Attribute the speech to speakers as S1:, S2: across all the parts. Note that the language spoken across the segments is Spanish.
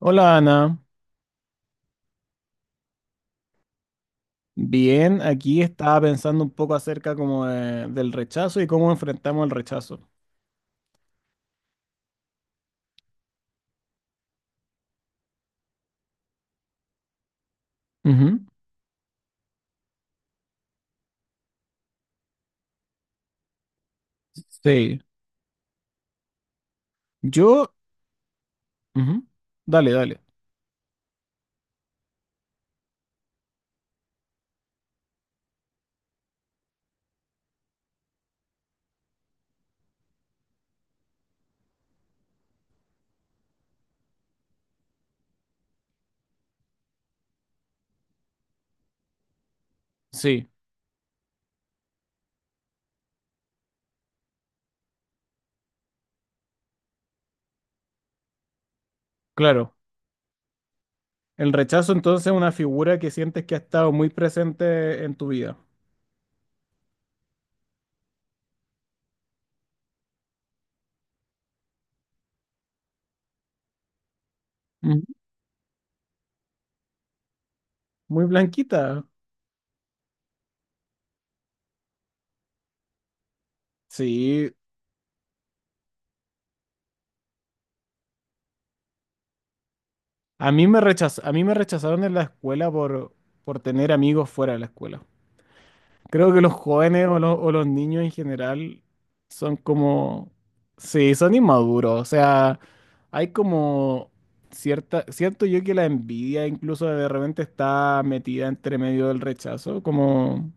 S1: Hola Ana, bien, aquí estaba pensando un poco acerca como del rechazo y cómo enfrentamos el rechazo. Ujú. Sí, yo... ujú. Dale, dale. Sí, claro. El rechazo entonces es una figura que sientes que ha estado muy presente en tu vida. Ujú. Muy blanquita. Sí, a mí me rechazaron en la escuela por tener amigos fuera de la escuela. Creo que los jóvenes o los niños en general son como, sí, son inmaduros. O sea, hay como cierta, siento yo que la envidia incluso de repente está metida entre medio del rechazo, como,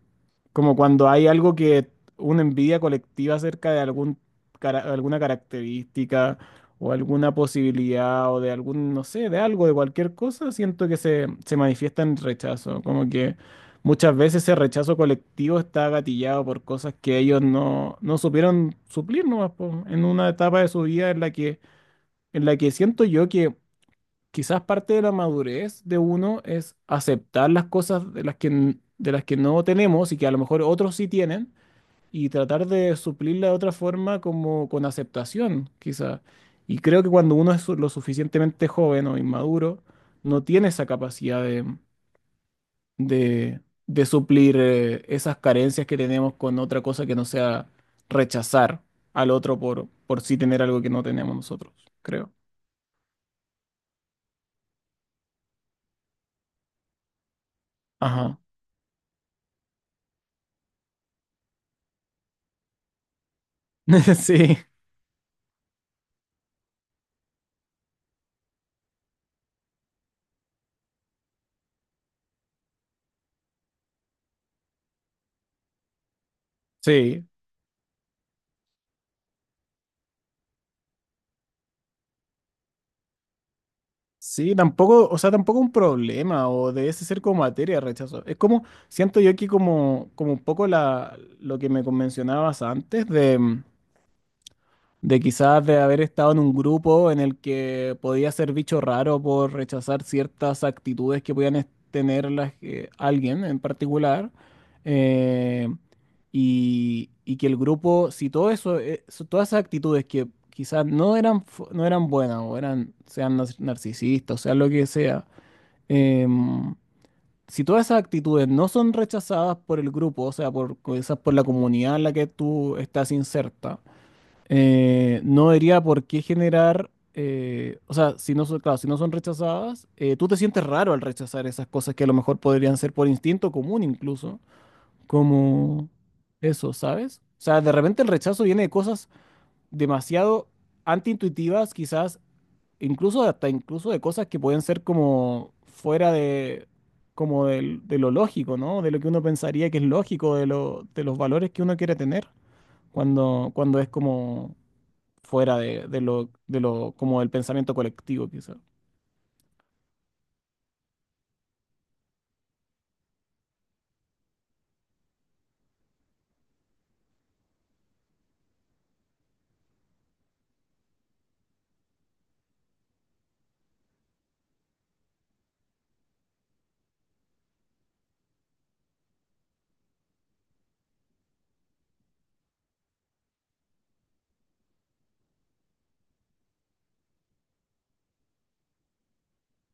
S1: como cuando hay algo que, una envidia colectiva acerca de algún, alguna característica o alguna posibilidad o de algún, no sé, de algo, de cualquier cosa, siento que se manifiesta en rechazo, como que... Muchas veces ese rechazo colectivo está gatillado por cosas que ellos no supieron suplir nomás, po, en una etapa de su vida en la que siento yo que quizás parte de la madurez de uno es aceptar las cosas de las que, de las que no tenemos y que a lo mejor otros sí tienen y tratar de suplirla de otra forma como con aceptación, quizás. Y creo que cuando uno es lo suficientemente joven o inmaduro, no tiene esa capacidad de, de suplir esas carencias que tenemos con otra cosa que no sea rechazar al otro por sí tener algo que no tenemos nosotros, creo. Ajá. Sí, sí. Sí, tampoco, o sea, tampoco un problema o debe ser como materia de rechazo. Es como, siento yo aquí como, como un poco lo que me mencionabas antes de... de quizás de haber estado en un grupo en el que podía ser bicho raro por rechazar ciertas actitudes que tener alguien en particular, eh, y que el grupo, si todo eso, todas esas actitudes que quizás no eran, no eran buenas o eran, sean narcisistas, o sea, lo que sea, em, si todas esas actitudes no son rechazadas por el grupo, o sea, por, quizás por la comunidad en la que tú estás inserta, no diría por qué generar, o sea, si no son, claro, si no son rechazadas, tú te sientes raro al rechazar esas cosas que a lo mejor podrían ser por instinto común incluso, como eso, ¿sabes? O sea, de repente el rechazo viene de cosas demasiado antiintuitivas, quizás, incluso hasta incluso de cosas que pueden ser como fuera de, como de, lo lógico, ¿no? De lo que uno pensaría que es lógico, de lo, de los valores que uno quiere tener, cuando, cuando es como fuera de lo, como del pensamiento colectivo, quizá.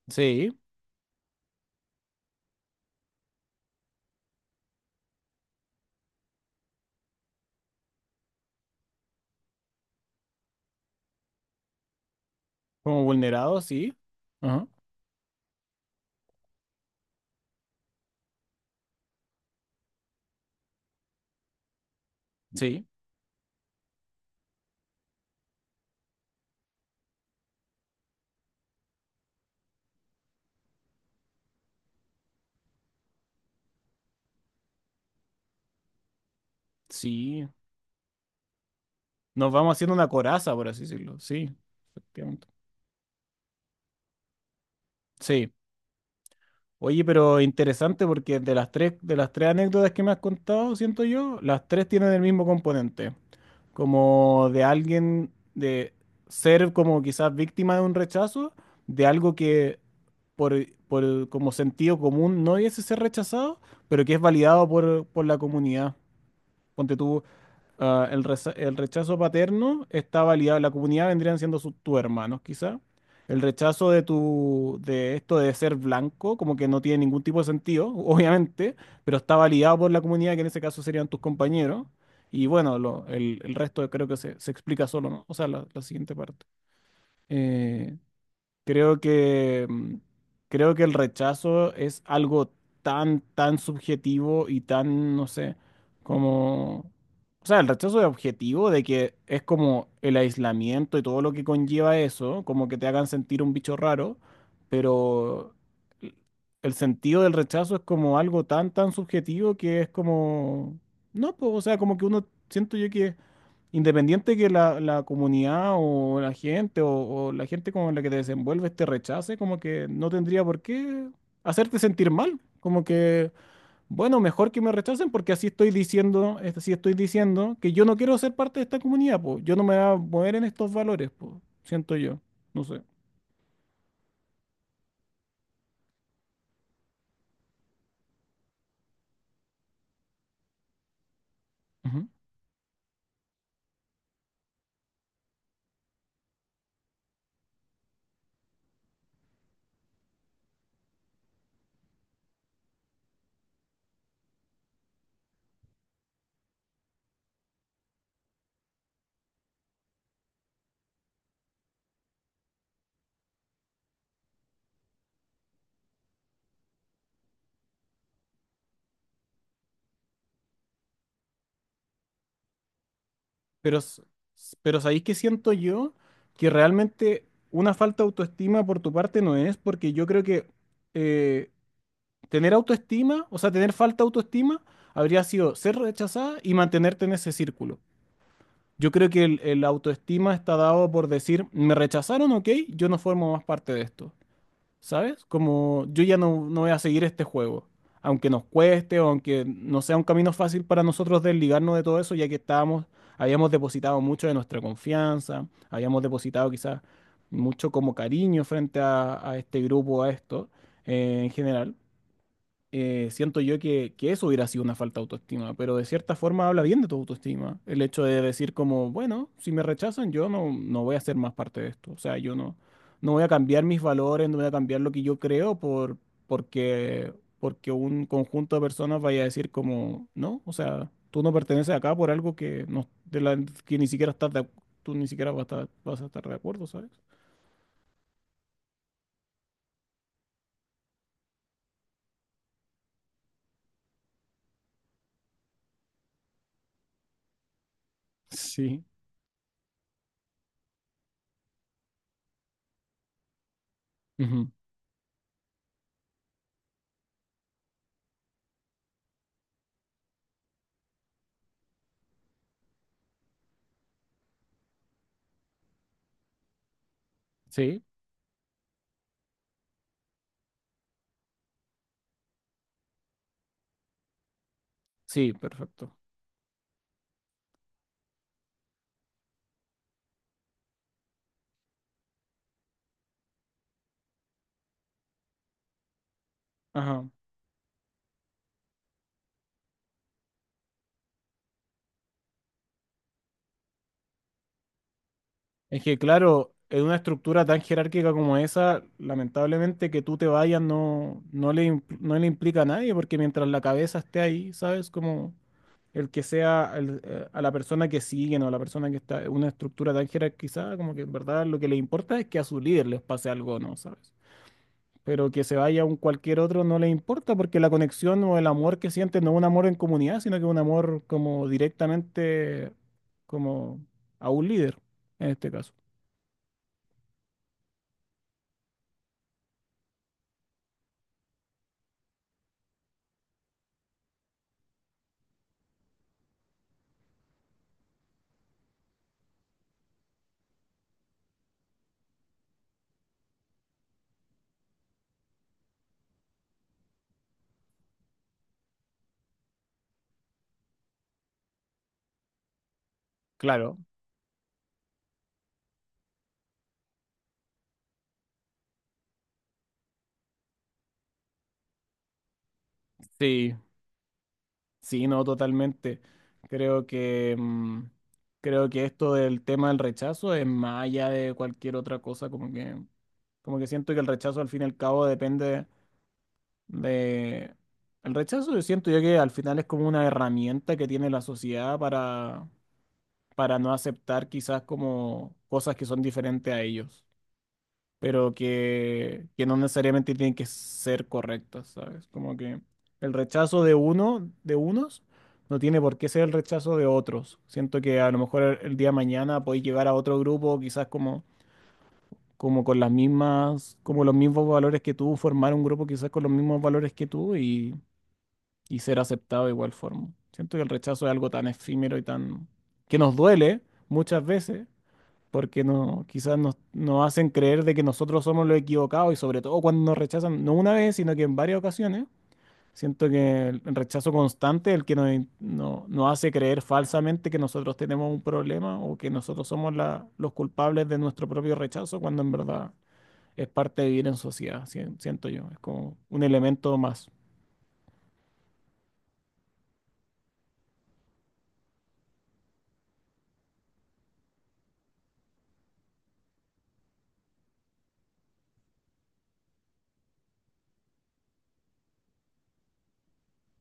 S1: Sí, como vulnerado sí. Ajá. Sí, sí. Nos vamos haciendo una coraza, por así decirlo. Sí, efectivamente. Sí. Oye, pero interesante porque de las tres anécdotas que me has contado, siento yo, las tres tienen el mismo componente, como de alguien, de ser como quizás víctima de un rechazo, de algo que por, por como sentido común no hubiese ser rechazado, pero que es validado por la comunidad. Ponte tú, ah, el rechazo paterno está validado, la comunidad vendrían siendo sus, tus hermanos, quizá. El rechazo de tu, de esto de ser blanco, como que no tiene ningún tipo de sentido, obviamente, pero está validado por la comunidad, que en ese caso serían tus compañeros. Y bueno, el resto creo que se explica solo, ¿no? O sea, la siguiente parte. Eh, Creo que, creo que el rechazo es algo tan, tan subjetivo y tan, no sé, como... O sea, el rechazo es objetivo de que es como el aislamiento y todo lo que conlleva eso, como que te hagan sentir un bicho raro, pero el el sentido del rechazo es como algo tan, tan subjetivo que es como... No, pues, o sea, como que uno, siento yo que independiente que la comunidad o la gente o la gente con la que te desenvuelves te rechace, como que no tendría por qué hacerte sentir mal. Como que, bueno, mejor que me rechacen porque así estoy diciendo, así estoy diciendo que yo no quiero ser parte de esta comunidad, pues. Yo no me voy a mover en estos valores, pues. Siento yo. No sé. Ujú. Pero, pero sabéis que siento yo que realmente una falta de autoestima por tu parte no es, porque yo creo que. eh, Tener autoestima, o sea, tener falta de autoestima, habría sido ser rechazada y mantenerte en ese círculo. Yo creo que el autoestima está dado por decir, me rechazaron, ok, yo no formo más parte de esto, ¿sabes? Como yo ya no voy a seguir este juego, aunque nos cueste o aunque no sea un camino fácil para nosotros desligarnos de todo eso, ya que estábamos, habíamos depositado mucho de nuestra confianza, habíamos depositado quizás mucho como cariño frente a este grupo, a esto, en general siento yo que eso hubiera sido una falta de autoestima, pero de cierta forma habla bien de tu autoestima. El hecho de decir como, bueno, si me rechazan, yo no, no voy a ser más parte de esto. O sea, yo no, no voy a cambiar mis valores, no voy a cambiar lo que yo creo por, porque, porque un conjunto de personas vaya a decir como, no, o sea, tú no perteneces acá por algo que, no, de la, que ni siquiera estás de, tú ni siquiera vas a estar de acuerdo, ¿sabes? Sí. Ujú. Sí, sí, perfecto. Ajá. Es que, claro, en una estructura tan jerárquica como esa, lamentablemente que tú te vayas no, no le, no le implica a nadie, porque mientras la cabeza esté ahí, ¿sabes? Como el que sea a la persona que siguen o a la persona que está en una estructura tan jerarquizada, como que en verdad lo que le importa es que a su líder les pase algo, o ¿no? ¿Sabes? Pero que se vaya un cualquier otro no le importa, porque la conexión o el amor que siente no es un amor en comunidad, sino que es un amor como directamente como a un líder, en este caso. Claro, sí, sí, no, totalmente. Creo que creo que esto del tema del rechazo es más allá de cualquier otra cosa, como que siento que el rechazo al fin y al cabo depende de el rechazo yo siento yo que al final es como una herramienta que tiene la sociedad para no aceptar quizás como cosas que son diferentes a ellos, pero que no necesariamente tienen que ser correctas, ¿sabes? Como que el rechazo de uno, de unos, no tiene por qué ser el rechazo de otros. Siento que a lo mejor el día de mañana podéis llegar a otro grupo, quizás como, como con las mismas, como los mismos valores que tú, formar un grupo quizás con los mismos valores que tú y ser aceptado de igual forma. Siento que el rechazo es algo tan efímero y tan que nos duele muchas veces porque no, quizás nos, nos hacen creer de que nosotros somos los equivocados y sobre todo cuando nos rechazan, no una vez, sino que en varias ocasiones. Siento que el rechazo constante es el que nos, nos hace creer falsamente que nosotros tenemos un problema o que nosotros somos los culpables de nuestro propio rechazo, cuando en verdad es parte de vivir en sociedad, siento yo. Es como un elemento más.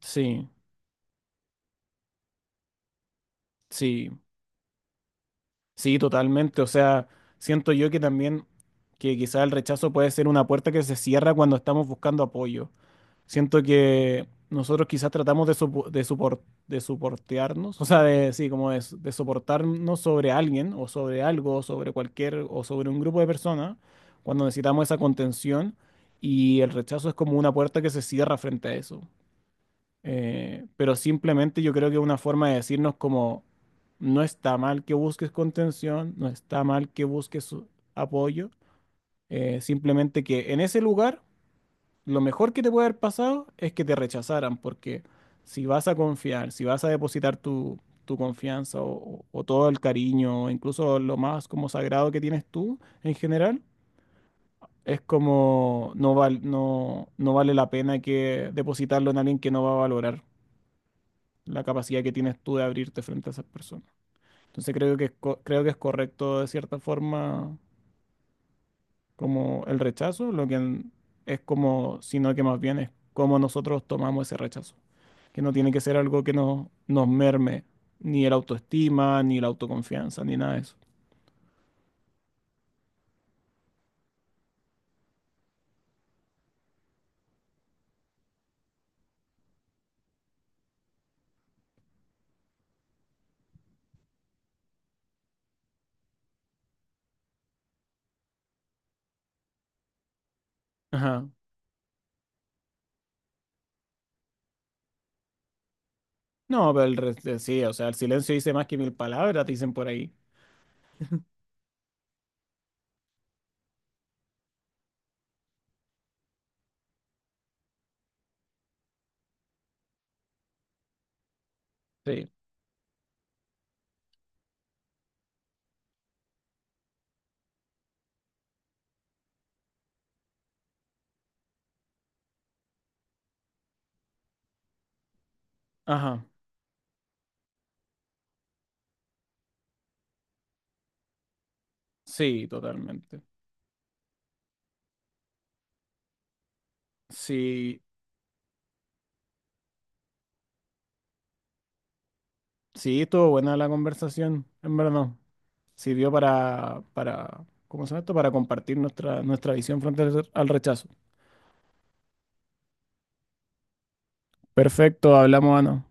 S1: Sí, sí, sí, totalmente. O sea, siento yo que también, que quizás el rechazo puede ser una puerta que se cierra cuando estamos buscando apoyo. Siento que nosotros quizás tratamos de soportearnos, o sea, de, sí, como de, de soportarnos sobre alguien o sobre algo, o sobre cualquier o sobre un grupo de personas, cuando necesitamos esa contención y el rechazo es como una puerta que se cierra frente a eso. Pero simplemente yo creo que es una forma de decirnos como, no está mal que busques contención, no está mal que busques apoyo, simplemente que en ese lugar lo mejor que te puede haber pasado es que te rechazaran, porque si vas a confiar, si vas a depositar tu, tu confianza o todo el cariño, o incluso lo más como sagrado que tienes tú en general, es como no, no vale la pena que depositarlo en alguien que no va a valorar la capacidad que tienes tú de abrirte frente a esas personas. Entonces creo que es, creo que es correcto de cierta forma como el rechazo, es como, sino que más bien es como nosotros tomamos ese rechazo, que no tiene que ser algo que no nos merme ni el autoestima, ni la autoconfianza, ni nada de eso. Ajá. No, pero sí, o sea, el silencio dice más que mil palabras, dicen por ahí. Sí. Ajá. Sí, totalmente. Sí, sí, estuvo buena la conversación, en verdad. Sirvió para, ¿cómo se llama esto? Para compartir nuestra, nuestra visión frente al al rechazo. Perfecto, hablamos, Ana.